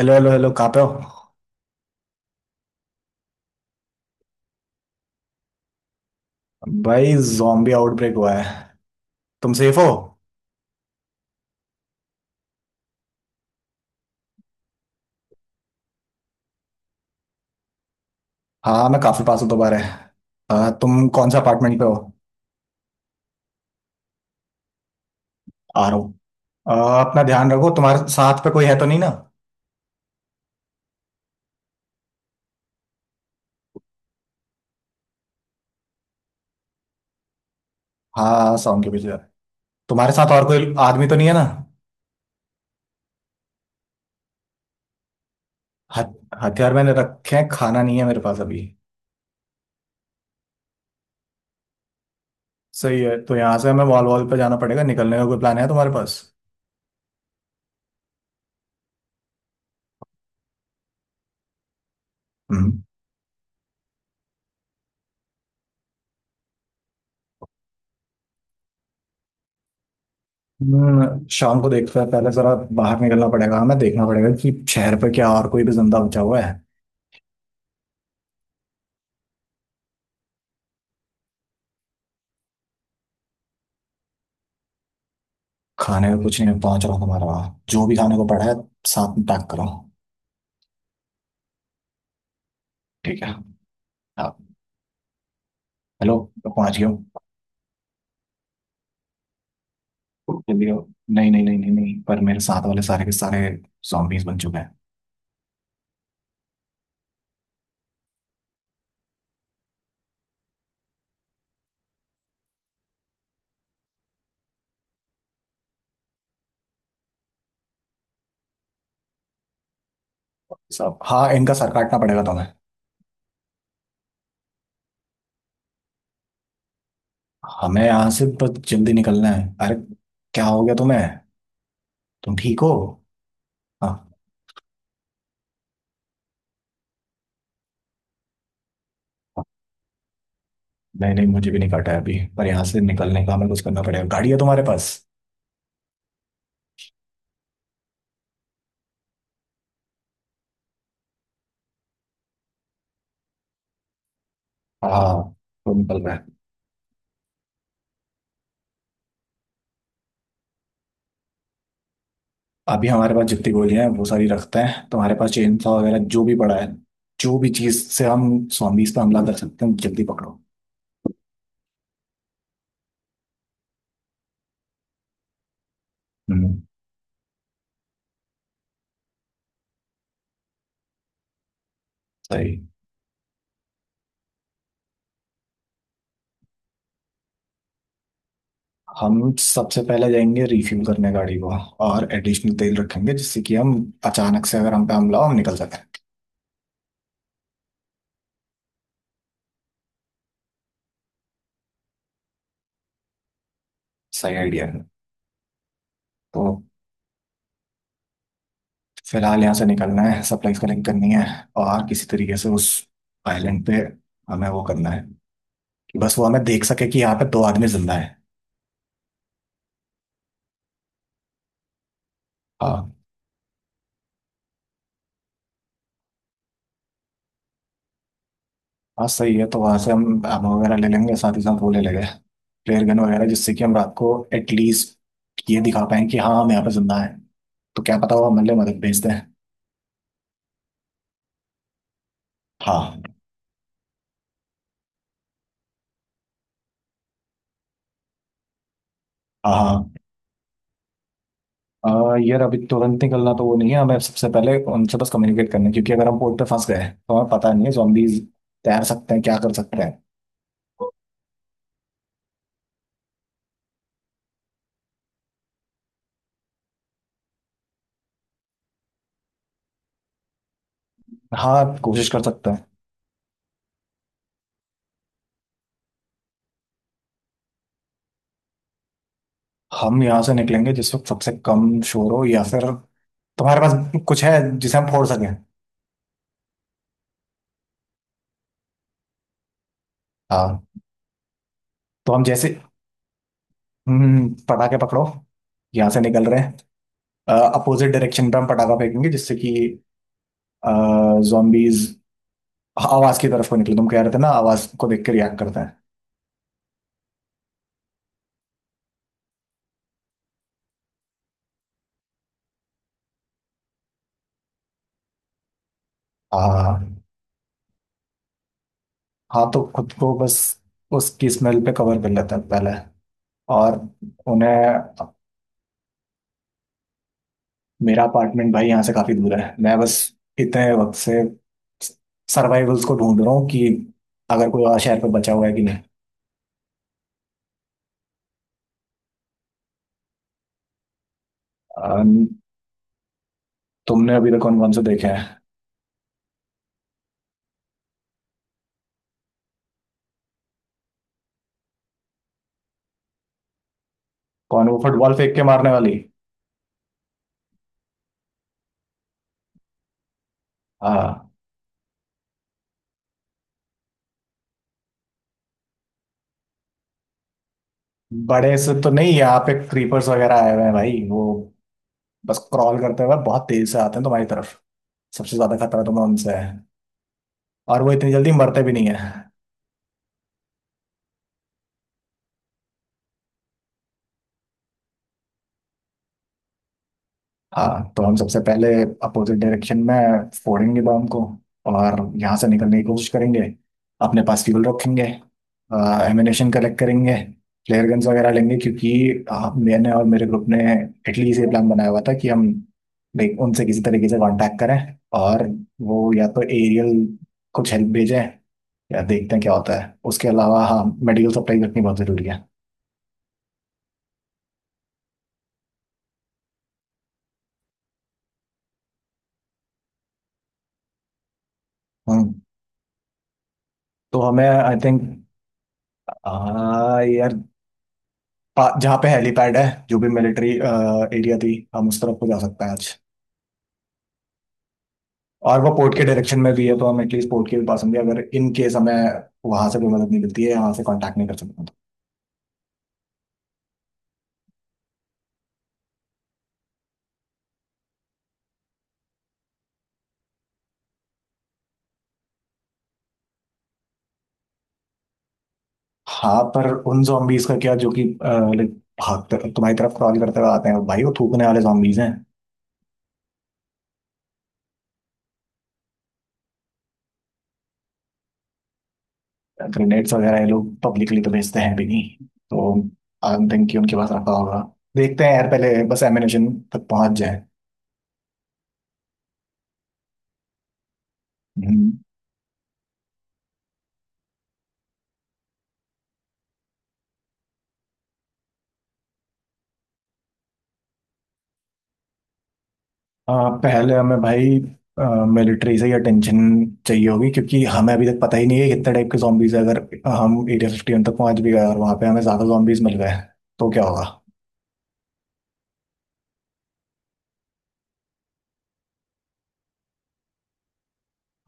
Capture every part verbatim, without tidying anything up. Hello hello hello, कहाँ पे हो? भाई, जॉम्बी आउटब्रेक हुआ है। तुम सेफ हो? हाँ, मैं काफी पास हूँ। दोबारा आ, तुम कौन सा अपार्टमेंट पे हो? आ रहा हूँ। आ, अपना ध्यान रखो। तुम्हारे साथ पे कोई है तो नहीं ना? हाँ, साउंड के पीछे जा रहा है। तुम्हारे साथ और कोई आदमी तो नहीं है ना? हथ- हथियार मैंने रखे हैं। खाना नहीं है मेरे पास अभी। सही है। तो यहाँ से हमें वॉल वॉल पे जाना पड़ेगा। निकलने का कोई प्लान है तुम्हारे पास? हम्म। हम्म, शाम को देखते हैं पहले जरा। बाहर निकलना पड़ेगा। हमें देखना पड़ेगा कि शहर पे क्या और कोई भी जिंदा बचा हुआ है। खाने में कुछ नहीं। मैं पहुंच रहा हूँ। तुम्हारे वहाँ जो भी खाने को पड़ा है साथ में पैक करो। ठीक है। आप? हेलो? मैं पहुंच गया हूँ। जल्दी आओ। नहीं नहीं नहीं नहीं नहीं, पर मेरे साथ वाले सारे के सारे zombies बन चुके हैं। सब। हाँ, इनका सर काटना पड़ेगा तुम्हें। हमें यहाँ से बस जल्दी निकलना है। अरे, क्या हो गया तुम्हें? तुम ठीक हो? हाँ। नहीं नहीं, मुझे भी नहीं काटा है अभी। पर यहाँ से निकलने का हमें कुछ करना पड़ेगा। गाड़ी है तुम्हारे पास? हाँ, तो निकल रहा है। अभी हमारे पास जितनी गोलियां हैं वो सारी रखते हैं। तो हमारे पास चेन सॉ वगैरह जो भी पड़ा है, जो भी चीज से हम zombies पे हमला कर सकते हैं जल्दी पकड़ो। हम्म, सही। हम सबसे पहले जाएंगे रिफ्यूल करने गाड़ी को। और एडिशनल तेल रखेंगे, जिससे कि हम अचानक से अगर हम पे हमला हो, हम निकल सकें। सही आइडिया है। तो फिलहाल यहाँ से निकलना है। सप्लाईज कलेक्ट करनी है। और किसी तरीके से उस आइलैंड पे हमें वो करना है कि बस वो हमें देख सके कि यहाँ पे दो आदमी जिंदा है। हाँ हाँ। सही है। तो वहाँ से हम आर्मर वगैरह ले लेंगे। साथ ही साथ वो ले लेंगे फ्लेयर गन वगैरह, जिससे कि हम रात को एटलीस्ट ये दिखा पाएं कि हाँ, हम यहाँ पे जिंदा हैं। तो क्या पता वो हमारे लिए मदद भेज दें। हाँ हाँ हाँ। आ, यार, अभी तुरंत निकलना तो वो नहीं है। हमें सबसे पहले उनसे बस कम्युनिकेट करना है, क्योंकि अगर हम पोर्ट पे फंस गए तो हमें पता नहीं है zombies तैर सकते हैं, क्या कर सकते हैं। हाँ, कोशिश कर सकते हैं। हम यहाँ से निकलेंगे जिस वक्त सबसे कम शोर हो, या फिर तुम्हारे पास कुछ है जिसे हम फोड़ सकें। हाँ। तो हम जैसे, हम्म पटाखे पकड़ो। यहाँ से निकल रहे हैं। अपोजिट डायरेक्शन पे हम पटाखा फेंकेंगे, जिससे कि जॉम्बीज आवाज की तरफ को निकले। तुम कह रहे थे ना, आवाज को देख के रिएक्ट करते हैं। हाँ। हाँ, तो खुद को बस उसकी स्मेल पे कवर कर लेते हैं पहले। और उन्हें मेरा अपार्टमेंट, भाई, यहाँ से काफी दूर है। मैं बस इतने वक्त से सर्वाइवल्स को ढूंढ रहा हूँ कि अगर कोई और शहर पे बचा हुआ है कि नहीं। अ, तुमने अभी तक कौन कौन से देखे हैं? कौन, वो फुटबॉल फेंक के मारने वाली? हाँ। बड़े से तो नहीं। यहाँ पे क्रीपर्स वगैरह आए हुए हैं भाई। वो बस क्रॉल करते हुए बहुत तेज से आते हैं तुम्हारी तरफ। सबसे ज्यादा खतरा तुम्हें उनसे है। और वो इतनी जल्दी मरते भी नहीं है। हाँ। तो हम सबसे पहले अपोजिट डायरेक्शन में फोड़ेंगे बॉम्ब को। और यहाँ से निकलने की कोशिश करेंगे। अपने पास फ्यूल रखेंगे। एमिनेशन कलेक्ट करेंगे। फ्लेयर गन्स वगैरह लेंगे, क्योंकि अ, मैंने और मेरे ग्रुप ने इटली से प्लान बनाया हुआ था कि हम लाइक उनसे किसी तरीके से कांटेक्ट करें। और वो या तो एरियल कुछ हेल्प भेजें, या देखते हैं क्या होता है। उसके अलावा हाँ, मेडिकल सप्लाई रखनी बहुत ज़रूरी है। हम्म। तो हमें आई थिंक, यार, पा- जहाँ पे हेलीपैड है, जो भी मिलिट्री एरिया थी, हम उस तरफ को जा सकते हैं आज। और वो पोर्ट के डायरेक्शन में भी है, तो हम एटलीस्ट पोर्ट के भी पास होंगे अगर इन केस हमें वहां से कोई मदद नहीं मिलती है, यहाँ से कांटेक्ट नहीं कर सकते हैं तो। हाँ, पर उन zombies का क्या जो कि लाइक भागते तुम्हारी तरफ क्रॉल करते हुए आते हैं, भाई वो थूकने वाले zombies हैं। ग्रेनेड्स वगैरह ये लोग पब्लिकली तो भेजते हैं भी नहीं। तो आई डोंट थिंक कि उनके पास रखा होगा। देखते हैं यार। पहले बस एमिनेशन तक पहुंच जाए। आ, पहले हमें, भाई, मिलिट्री से ही अटेंशन चाहिए होगी, क्योंकि हमें अभी तक पता ही नहीं है कितने टाइप के जॉम्बीज है। अगर हम एरिया फिफ्टी वन तक पहुंच भी गए और वहां पे हमें ज्यादा जॉम्बीज मिल गए, तो क्या होगा?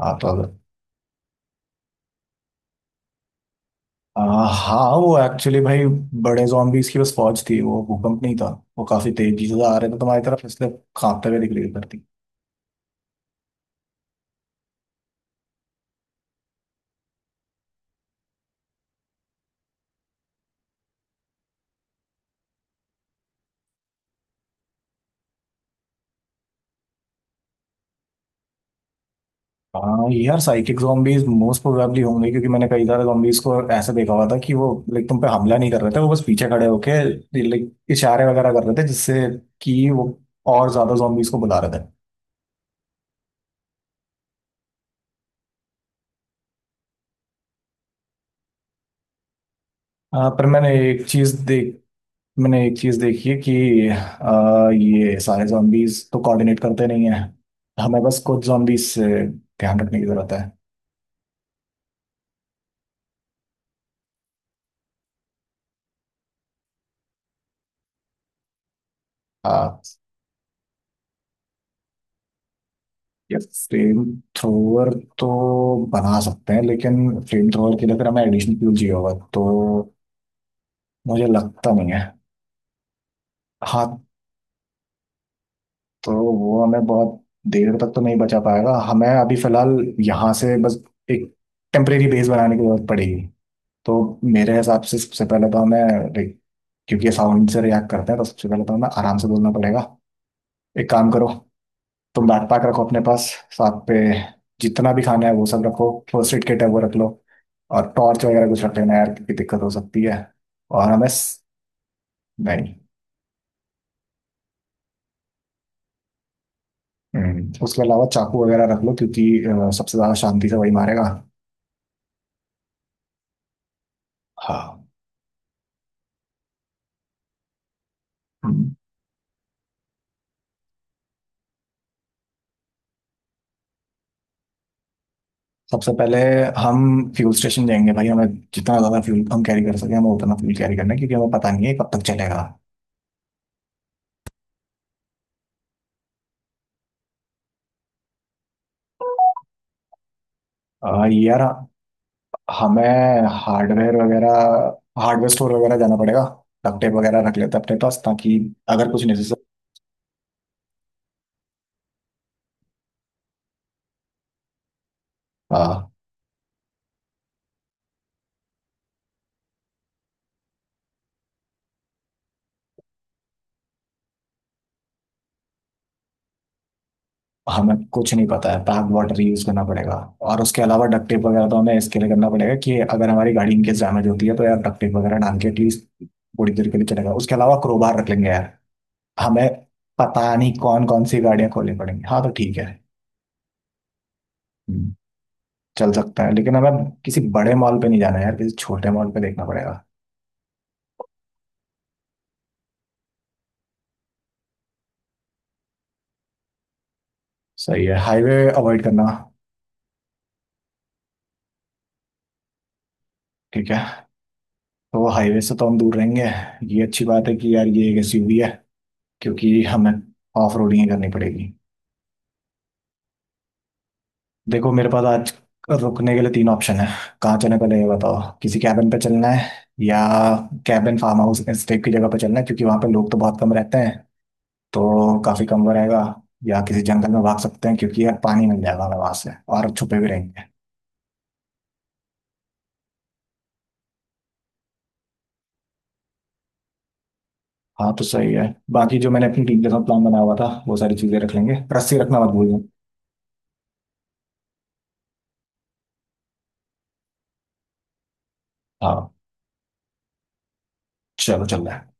हाँ, तो अगर आ, हाँ, वो एक्चुअली, भाई, बड़े जॉम्बीज की बस फौज थी। वो भूकंप नहीं था। वो काफी तेजी से आ रहे थे तुम्हारी तरफ, इसलिए कांपते हुए दिख रही थी। हाँ यार, साइकिक zombies मोस्ट प्रोबेबली होंगे, क्योंकि मैंने कई सारे zombies को ऐसे देखा हुआ था कि वो लाइक तुम पे हमला नहीं कर रहे थे। वो बस पीछे खड़े होके लाइक इशारे वगैरह कर रहे थे, जिससे कि वो और ज्यादा zombies को बुला रहे थे। आ, पर मैंने एक चीज देख मैंने एक चीज देखी है कि आ, ये सारे zombies तो कोऑर्डिनेट करते नहीं है। हमें बस कुछ zombies से ध्यान रखने की जरूरत है। हाँ। या फ्लेम थ्रोवर तो बना सकते हैं, लेकिन फ्लेम थ्रोवर के लिए फिर हमें एडिशनल फ्यूल चाहिए होगा। तो मुझे लगता नहीं है। हाँ, तो वो हमें बहुत देर तक तो नहीं बचा पाएगा। हमें अभी फिलहाल यहाँ से बस एक टेम्परेरी बेस बनाने की जरूरत पड़ेगी। तो मेरे हिसाब से सबसे पहले तो हमें like, क्योंकि ये साउंड से रिएक्ट करते हैं, तो सबसे पहले तो हमें आराम से बोलना पड़ेगा। एक काम करो। तुम बैकपैक रखो अपने पास साथ पे। जितना भी खाना है वो सब रखो। फर्स्ट एड किट है वो रख लो। और टॉर्च वगैरह कुछ रख लेना यार, क्योंकि दिक्कत हो सकती है। और हमें स... नहीं। हम्म, उसके अलावा चाकू वगैरह रख लो, क्योंकि अ, सबसे ज्यादा शांति से वही मारेगा। हाँ। हम्म, सबसे पहले हम फ्यूल स्टेशन जाएंगे भाई। हमें जितना ज्यादा फ्यूल हम कैरी कर सके, हम उतना फ्यूल कैरी करना है, क्योंकि हमें पता नहीं है कब तक चलेगा। और यार, हमें हार्डवेयर वगैरह, हार्डवेयर स्टोर वगैरह जाना पड़ेगा। डक्ट टेप वगैरह रख लेते हैं अपने पास, ताकि अगर कुछ नेसेसरी। हाँ, हमें कुछ नहीं पता है। पैक वाटर यूज करना पड़ेगा। और उसके अलावा डक्ट टेप वगैरह तो हमें इसके लिए करना पड़ेगा कि अगर हमारी गाड़ी इनकेस डैमेज होती है तो यार डक्ट टेप वगैरह डाल के एटलीस्ट थोड़ी देर के लिए चलेगा। उसके अलावा क्रोबार रख लेंगे यार। हमें पता नहीं कौन कौन सी गाड़ियां खोलनी पड़ेंगी। हाँ, तो ठीक है। हम्म, चल सकता है, लेकिन हमें किसी बड़े मॉल पे नहीं जाना है यार। किसी छोटे मॉल पे देखना पड़ेगा। सही है। हाईवे अवॉइड करना। ठीक है। तो वो हाईवे से तो हम दूर रहेंगे। ये अच्छी बात है कि यार ये एक एसयूवी है, क्योंकि हमें ऑफ रोडिंग ही करनी पड़ेगी। देखो, मेरे पास आज रुकने के लिए तीन ऑप्शन है। कहाँ चलने पहले ये बताओ, किसी कैबिन पे चलना है? या कैबिन फार्म हाउस स्टे की जगह पे चलना है, क्योंकि वहाँ पे लोग तो बहुत कम रहते हैं तो काफी कम वो रहेगा। या किसी जंगल में भाग सकते हैं, क्योंकि यार पानी मिल जाएगा हमें वहां से और छुपे भी रहेंगे। हाँ, तो सही है। बाकी जो मैंने अपनी टीम के साथ प्लान बनाया हुआ था वो सारी चीजें रख लेंगे। रस्सी रखना मत भूलना। हाँ, चलो, चल रहा है।